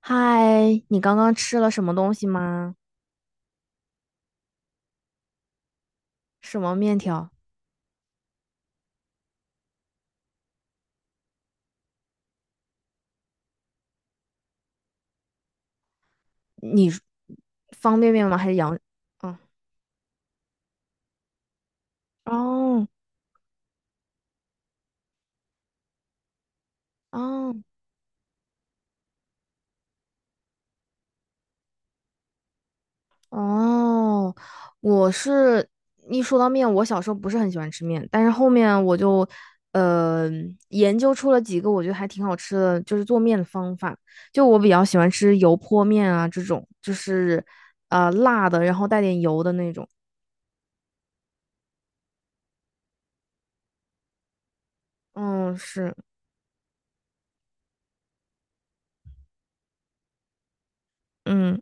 嗨，你刚刚吃了什么东西吗？什么面条？你方便面吗？还是羊？嗯，哦哦哦，我是一说到面，我小时候不是很喜欢吃面，但是后面我就呃研究出了几个我觉得还挺好吃的，就是做面的方法。就我比较喜欢吃油泼面啊，这种就是辣的，然后带点油的那种。嗯，是，嗯。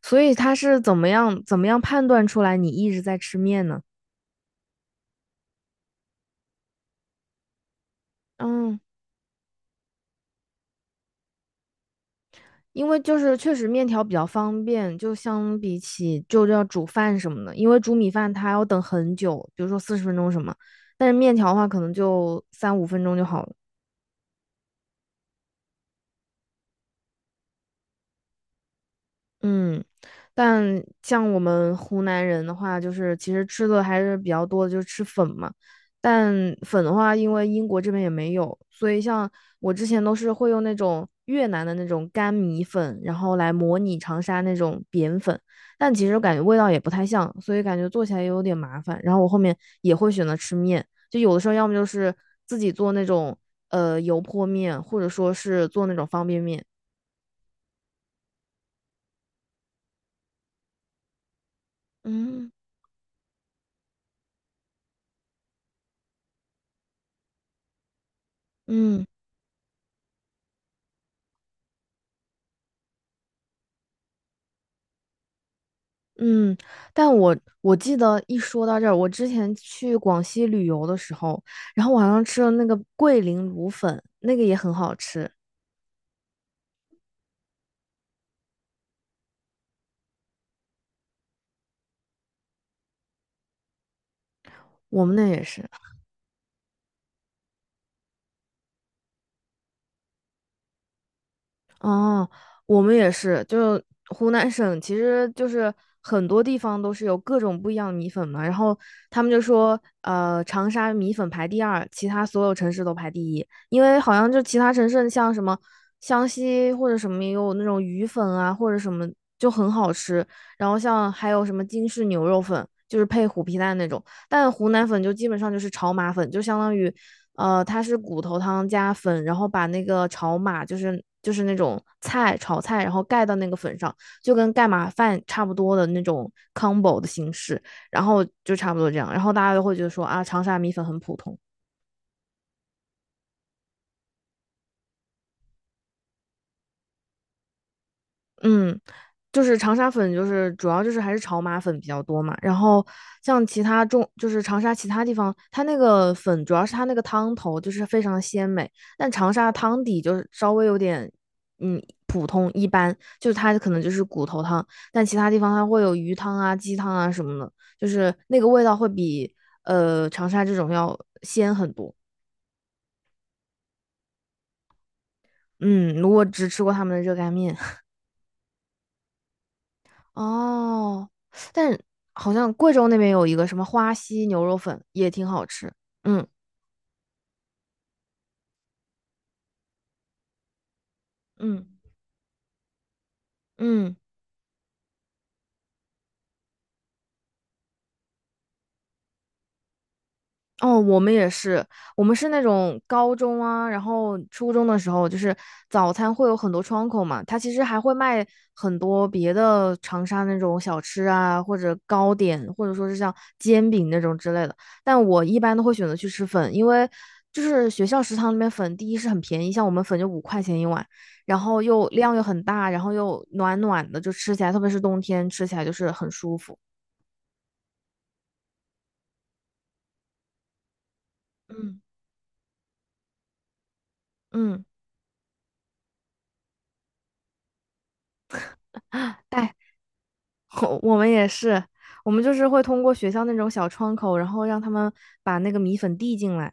所以他是怎么样判断出来你一直在吃面呢？嗯，因为就是确实面条比较方便，就相比起就要煮饭什么的，因为煮米饭它要等很久，比如说40分钟什么，但是面条的话可能就三五分钟就好了。嗯，但像我们湖南人的话，就是其实吃的还是比较多的，就是吃粉嘛。但粉的话，因为英国这边也没有，所以像我之前都是会用那种越南的那种干米粉，然后来模拟长沙那种扁粉。但其实感觉味道也不太像，所以感觉做起来也有点麻烦。然后我后面也会选择吃面，就有的时候要么就是自己做那种油泼面，或者说是做那种方便面。嗯嗯。嗯，但我记得一说到这儿，我之前去广西旅游的时候，然后晚上吃了那个桂林卤粉，那个也很好吃，我们那也是。哦，我们也是，就湖南省，其实就是很多地方都是有各种不一样的米粉嘛。然后他们就说，呃，长沙米粉排第二，其他所有城市都排第一，因为好像就其他城市像什么湘西或者什么也有那种鱼粉啊，或者什么就很好吃。然后像还有什么京式牛肉粉，就是配虎皮蛋那种，但湖南粉就基本上就是炒码粉，就相当于呃，它是骨头汤加粉，然后把那个炒码，就是那种菜炒菜，然后盖到那个粉上，就跟盖码饭差不多的那种 combo 的形式，然后就差不多这样，然后大家都会觉得说啊，长沙米粉很普通，嗯，就是长沙粉，就是主要就是还是炒码粉比较多嘛。然后像其他中，就是长沙其他地方，它那个粉主要是它那个汤头就是非常鲜美，但长沙汤底就是稍微有点，嗯，普通一般，就是它可能就是骨头汤，但其他地方它会有鱼汤啊、鸡汤啊什么的，就是那个味道会比呃长沙这种要鲜很多。嗯，我只吃过他们的热干面。哦，但好像贵州那边有一个什么花溪牛肉粉也挺好吃。嗯嗯，嗯。哦，我们也是，我们是那种高中啊，然后初中的时候，就是早餐会有很多窗口嘛，它其实还会卖很多别的长沙那种小吃啊，或者糕点，或者说是像煎饼那种之类的。但我一般都会选择去吃粉，因为就是学校食堂里面粉，第一是很便宜，像我们粉就5块钱一碗，然后又量又很大，然后又暖暖的，就吃起来，特别是冬天吃起来就是很舒服。嗯嗯。带 我们也是，我们就是会通过学校那种小窗口，然后让他们把那个米粉递进来。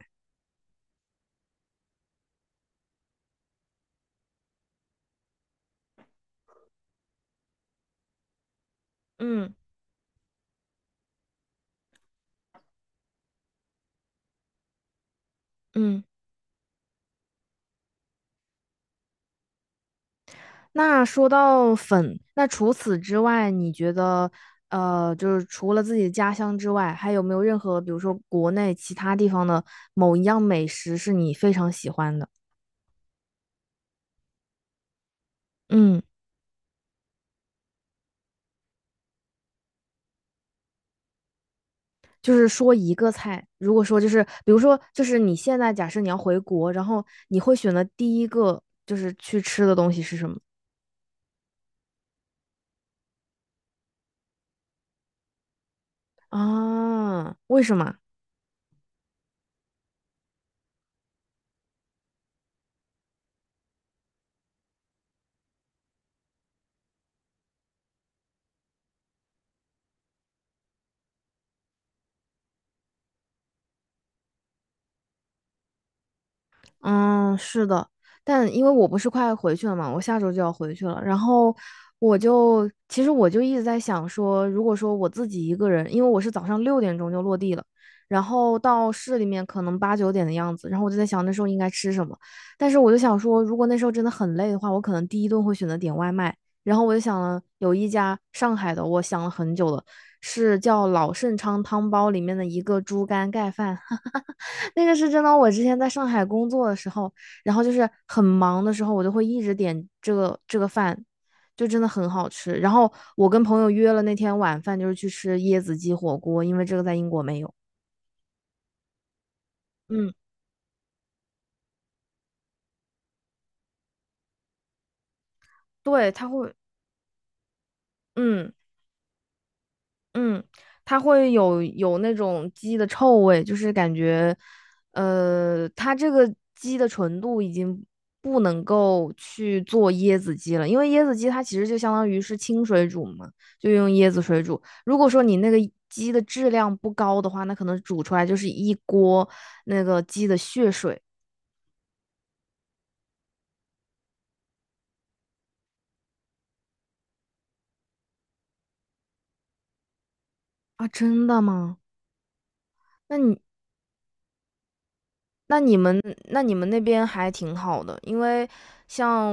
嗯嗯，那说到粉，那除此之外，你觉得就是除了自己的家乡之外，还有没有任何，比如说国内其他地方的某一样美食是你非常喜欢的？嗯，就是说一个菜，如果说就是比如说就是你现在假设你要回国，然后你会选择第1个就是去吃的东西是什么？啊，为什么？嗯，是的，但因为我不是快回去了嘛，我下周就要回去了，然后其实我就一直在想说，如果说我自己一个人，因为我是早上6点钟就落地了，然后到市里面可能8、9点的样子，然后我就在想那时候应该吃什么，但是我就想说，如果那时候真的很累的话，我可能第1顿会选择点外卖，然后我就想了有一家上海的，我想了很久了，是叫老盛昌汤包里面的一个猪肝盖饭。那个是真的。我之前在上海工作的时候，然后就是很忙的时候，我就会一直点这个饭，就真的很好吃。然后我跟朋友约了那天晚饭，就是去吃椰子鸡火锅，因为这个在英国没有。嗯，对，他会，嗯，嗯，它会有那种鸡的臭味，就是感觉，它这个鸡的纯度已经不能够去做椰子鸡了，因为椰子鸡它其实就相当于是清水煮嘛，就用椰子水煮。如果说你那个鸡的质量不高的话，那可能煮出来就是一锅那个鸡的血水啊！真的吗？那你那你们那你们那边还挺好的，因为像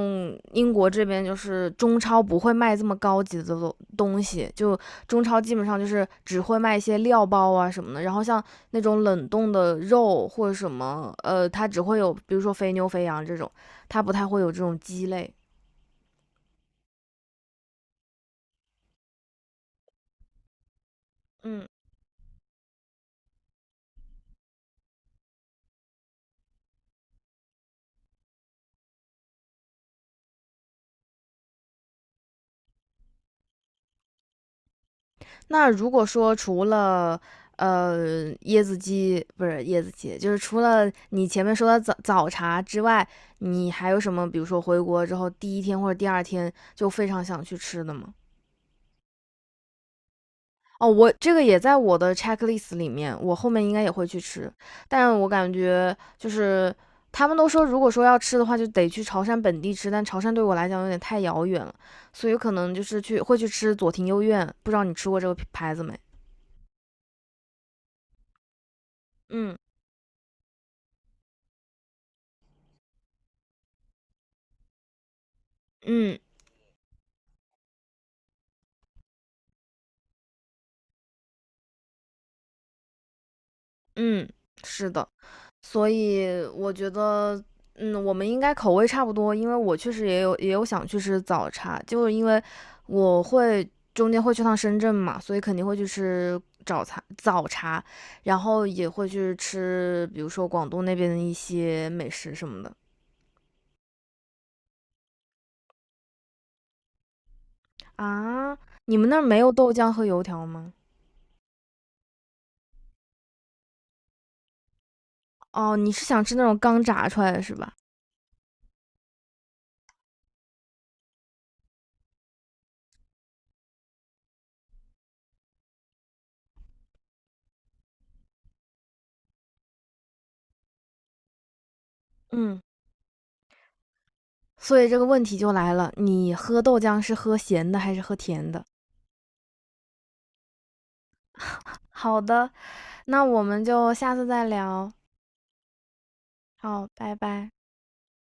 英国这边就是中超不会卖这么高级的东西，就中超基本上就是只会卖一些料包啊什么的，然后像那种冷冻的肉或者什么，呃，它只会有比如说肥牛、肥羊这种，它不太会有这种鸡肋。嗯。那如果说除了椰子鸡不是椰子鸡，就是除了你前面说的早茶之外，你还有什么？比如说回国之后第1天或者第2天就非常想去吃的吗？哦，我这个也在我的 checklist 里面，我后面应该也会去吃，但我感觉就是他们都说，如果说要吃的话，就得去潮汕本地吃，但潮汕对我来讲有点太遥远了，所以有可能就是去会去吃左庭右院，不知道你吃过这个牌子没？嗯嗯嗯，是的，所以我觉得，嗯，我们应该口味差不多，因为我确实也有想去吃早茶，就是因为我会中间会去趟深圳嘛，所以肯定会去吃早茶，然后也会去吃，比如说广东那边的一些美食什么的啊。你们那儿没有豆浆和油条吗？哦，你是想吃那种刚炸出来的是吧？嗯，所以这个问题就来了，你喝豆浆是喝咸的还是喝甜的？好的，那我们就下次再聊。好，拜拜。